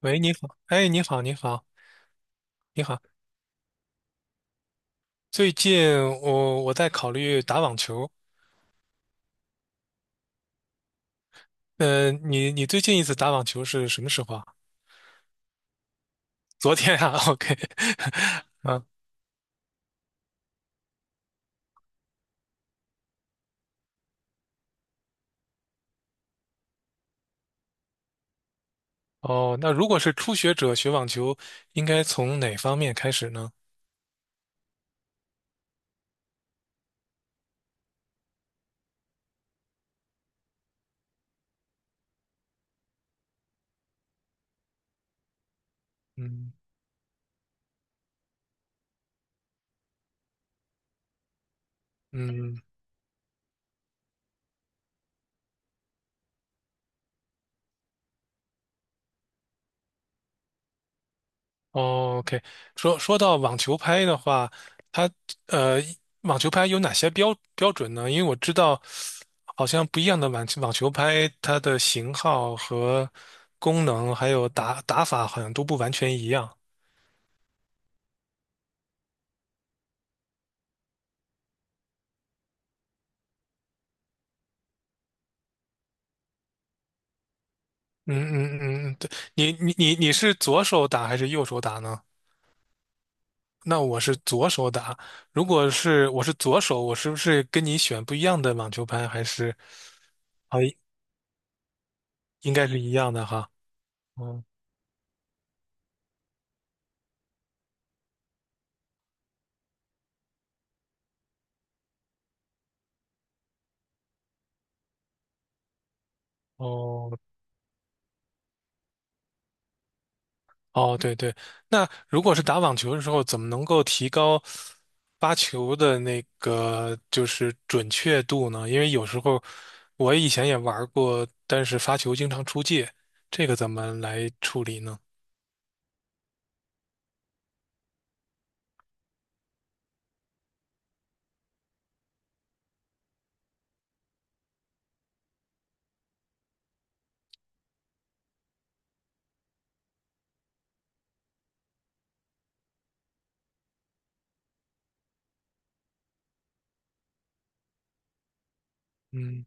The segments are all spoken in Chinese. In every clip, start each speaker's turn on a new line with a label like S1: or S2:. S1: 喂，你好，哎，你好，你好，你好。最近我在考虑打网球。你最近一次打网球是什么时候啊？昨天啊 ，OK，啊。哦，那如果是初学者学网球，应该从哪方面开始呢？嗯嗯。哦 OK，说到网球拍的话，它呃，网球拍有哪些标准呢？因为我知道，好像不一样的网球拍，它的型号和功能还有打法好像都不完全一样。嗯嗯嗯，嗯对，你是左手打还是右手打呢？那我是左手打，如果是我是左手，我是不是跟你选不一样的网球拍？还是啊，应该是一样的哈。嗯。哦哦，对对，那如果是打网球的时候，怎么能够提高发球的那个就是准确度呢？因为有时候我以前也玩过，但是发球经常出界，这个怎么来处理呢？嗯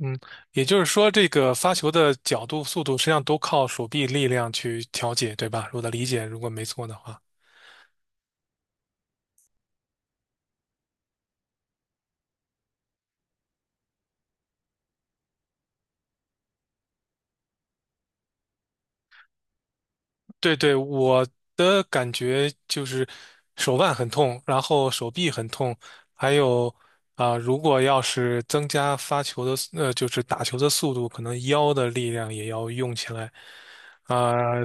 S1: 嗯，也就是说，这个发球的角度、速度，实际上都靠手臂力量去调节，对吧？我的理解，如果没错的话。对对，我的感觉就是手腕很痛，然后手臂很痛，还有啊、如果要是增加发球的,就是打球的速度，可能腰的力量也要用起来。啊、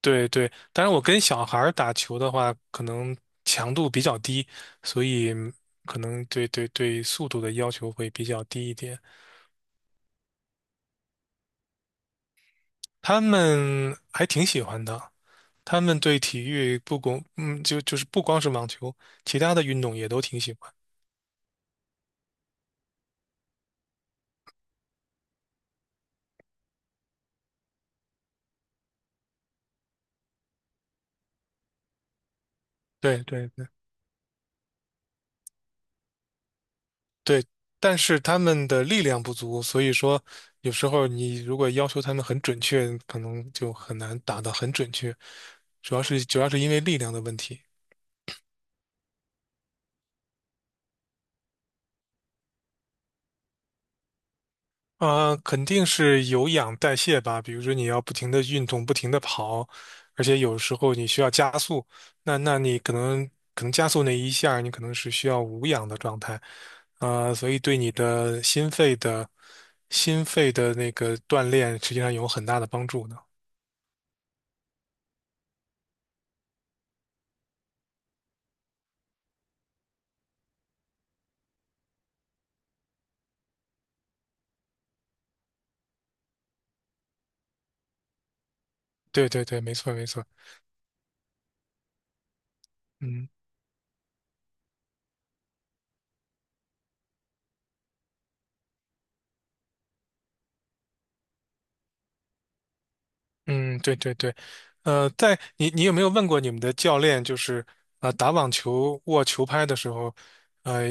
S1: 对对，但是我跟小孩儿打球的话，可能强度比较低，所以可能对速度的要求会比较低一点。他们还挺喜欢的。他们对体育不光，就是不光是网球，其他的运动也都挺喜欢。对对对对，但是他们的力量不足，所以说有时候你如果要求他们很准确，可能就很难打得很准确，主要是因为力量的问题。啊，肯定是有氧代谢吧。比如说，你要不停的运动，不停的跑，而且有时候你需要加速，那你可能加速那一下儿你可能是需要无氧的状态。所以对你的心肺的那个锻炼，实际上有很大的帮助的。对对对，没错没错。嗯。嗯，对对对。在你有没有问过你们的教练，就是啊、打网球握球拍的时候，呃，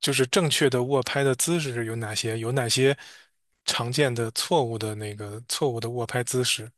S1: 就是正确的握拍的姿势有哪些？有哪些常见的错误的握拍姿势？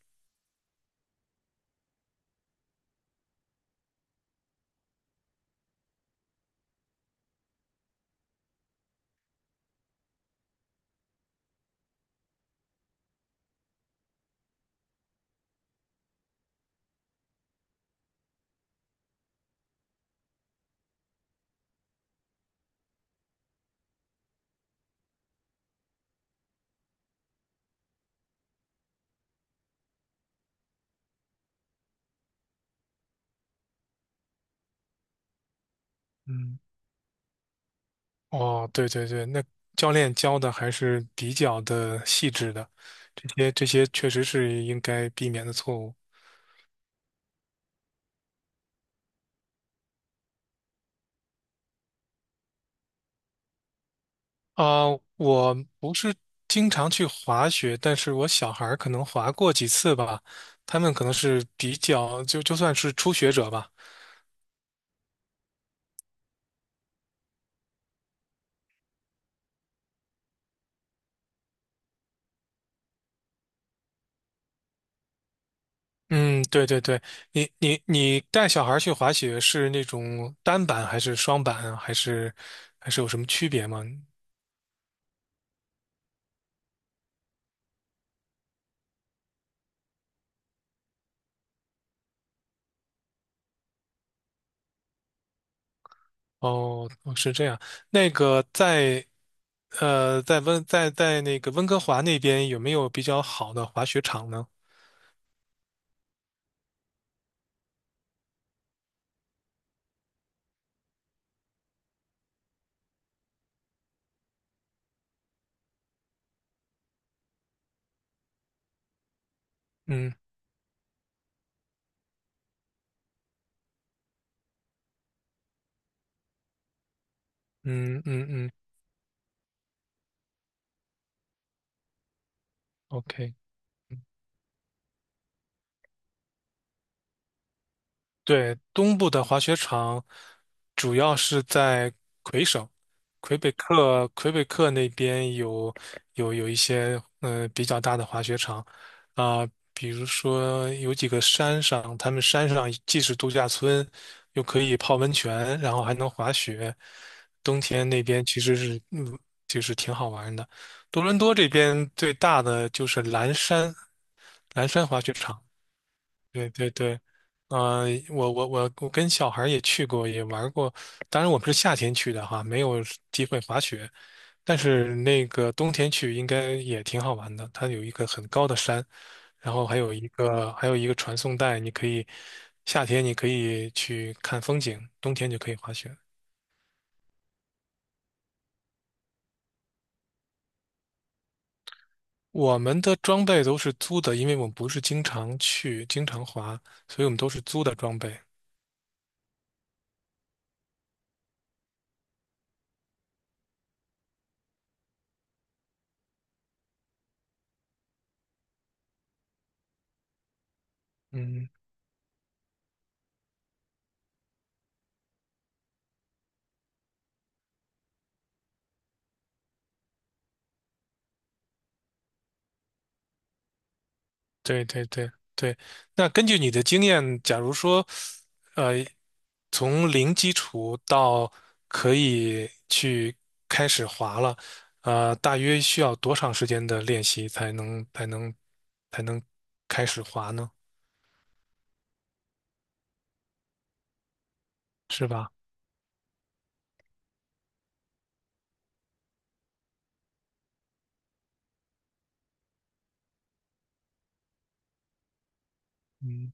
S1: 嗯。哦，对对对，那教练教的还是比较的细致的，这些确实是应该避免的错误。啊、我不是经常去滑雪，但是我小孩儿可能滑过几次吧，他们可能是比较就算是初学者吧。嗯，对对对，你带小孩儿去滑雪是那种单板还是双板啊，还是有什么区别吗？哦哦是这样。那个在温哥华那边有没有比较好的滑雪场呢？嗯嗯嗯嗯，OK。对，东部的滑雪场主要是在魁省，魁北克那边有一些比较大的滑雪场啊，比如说有几个山上，他们山上既是度假村，又可以泡温泉，然后还能滑雪。冬天那边其实是就是挺好玩的。多伦多这边最大的就是蓝山，蓝山滑雪场。对对对，啊、我跟小孩儿也去过，也玩儿过。当然，我们是夏天去的哈，没有机会滑雪。但是那个冬天去应该也挺好玩的，它有一个很高的山，然后还有一个传送带，你可以夏天你可以去看风景，冬天就可以滑雪。我们的装备都是租的，因为我们不是经常去、经常滑，所以我们都是租的装备。嗯，对对对对。那根据你的经验，假如说呃，从零基础到可以去开始滑了，大约需要多长时间的练习才能开始滑呢？是吧？嗯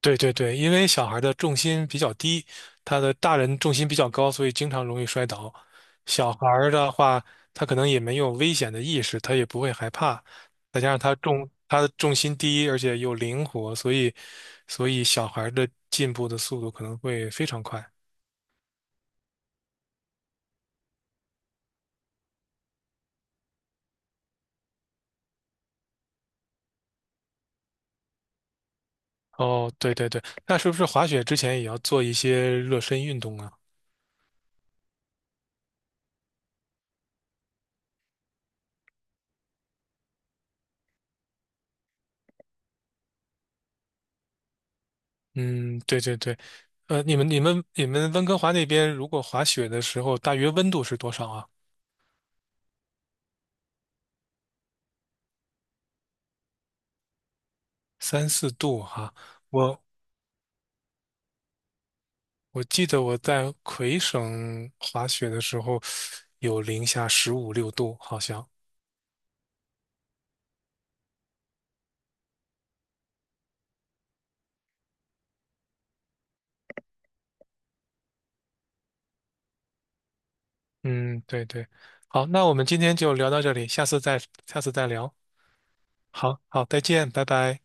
S1: 对对对，因为小孩的重心比较低，他的大人重心比较高，所以经常容易摔倒。小孩儿的话，他可能也没有危险的意识，他也不会害怕，再加上他的重心低，而且又灵活，所以小孩儿的进步的速度可能会非常快。哦，对对对，那是不是滑雪之前也要做一些热身运动啊？嗯，对对对。你们温哥华那边如果滑雪的时候，大约温度是多少啊？三四度哈、我我记得我在魁省滑雪的时候有零下十五六度，好像。嗯，对对。好，那我们今天就聊到这里，下次再聊。好好，再见，拜拜。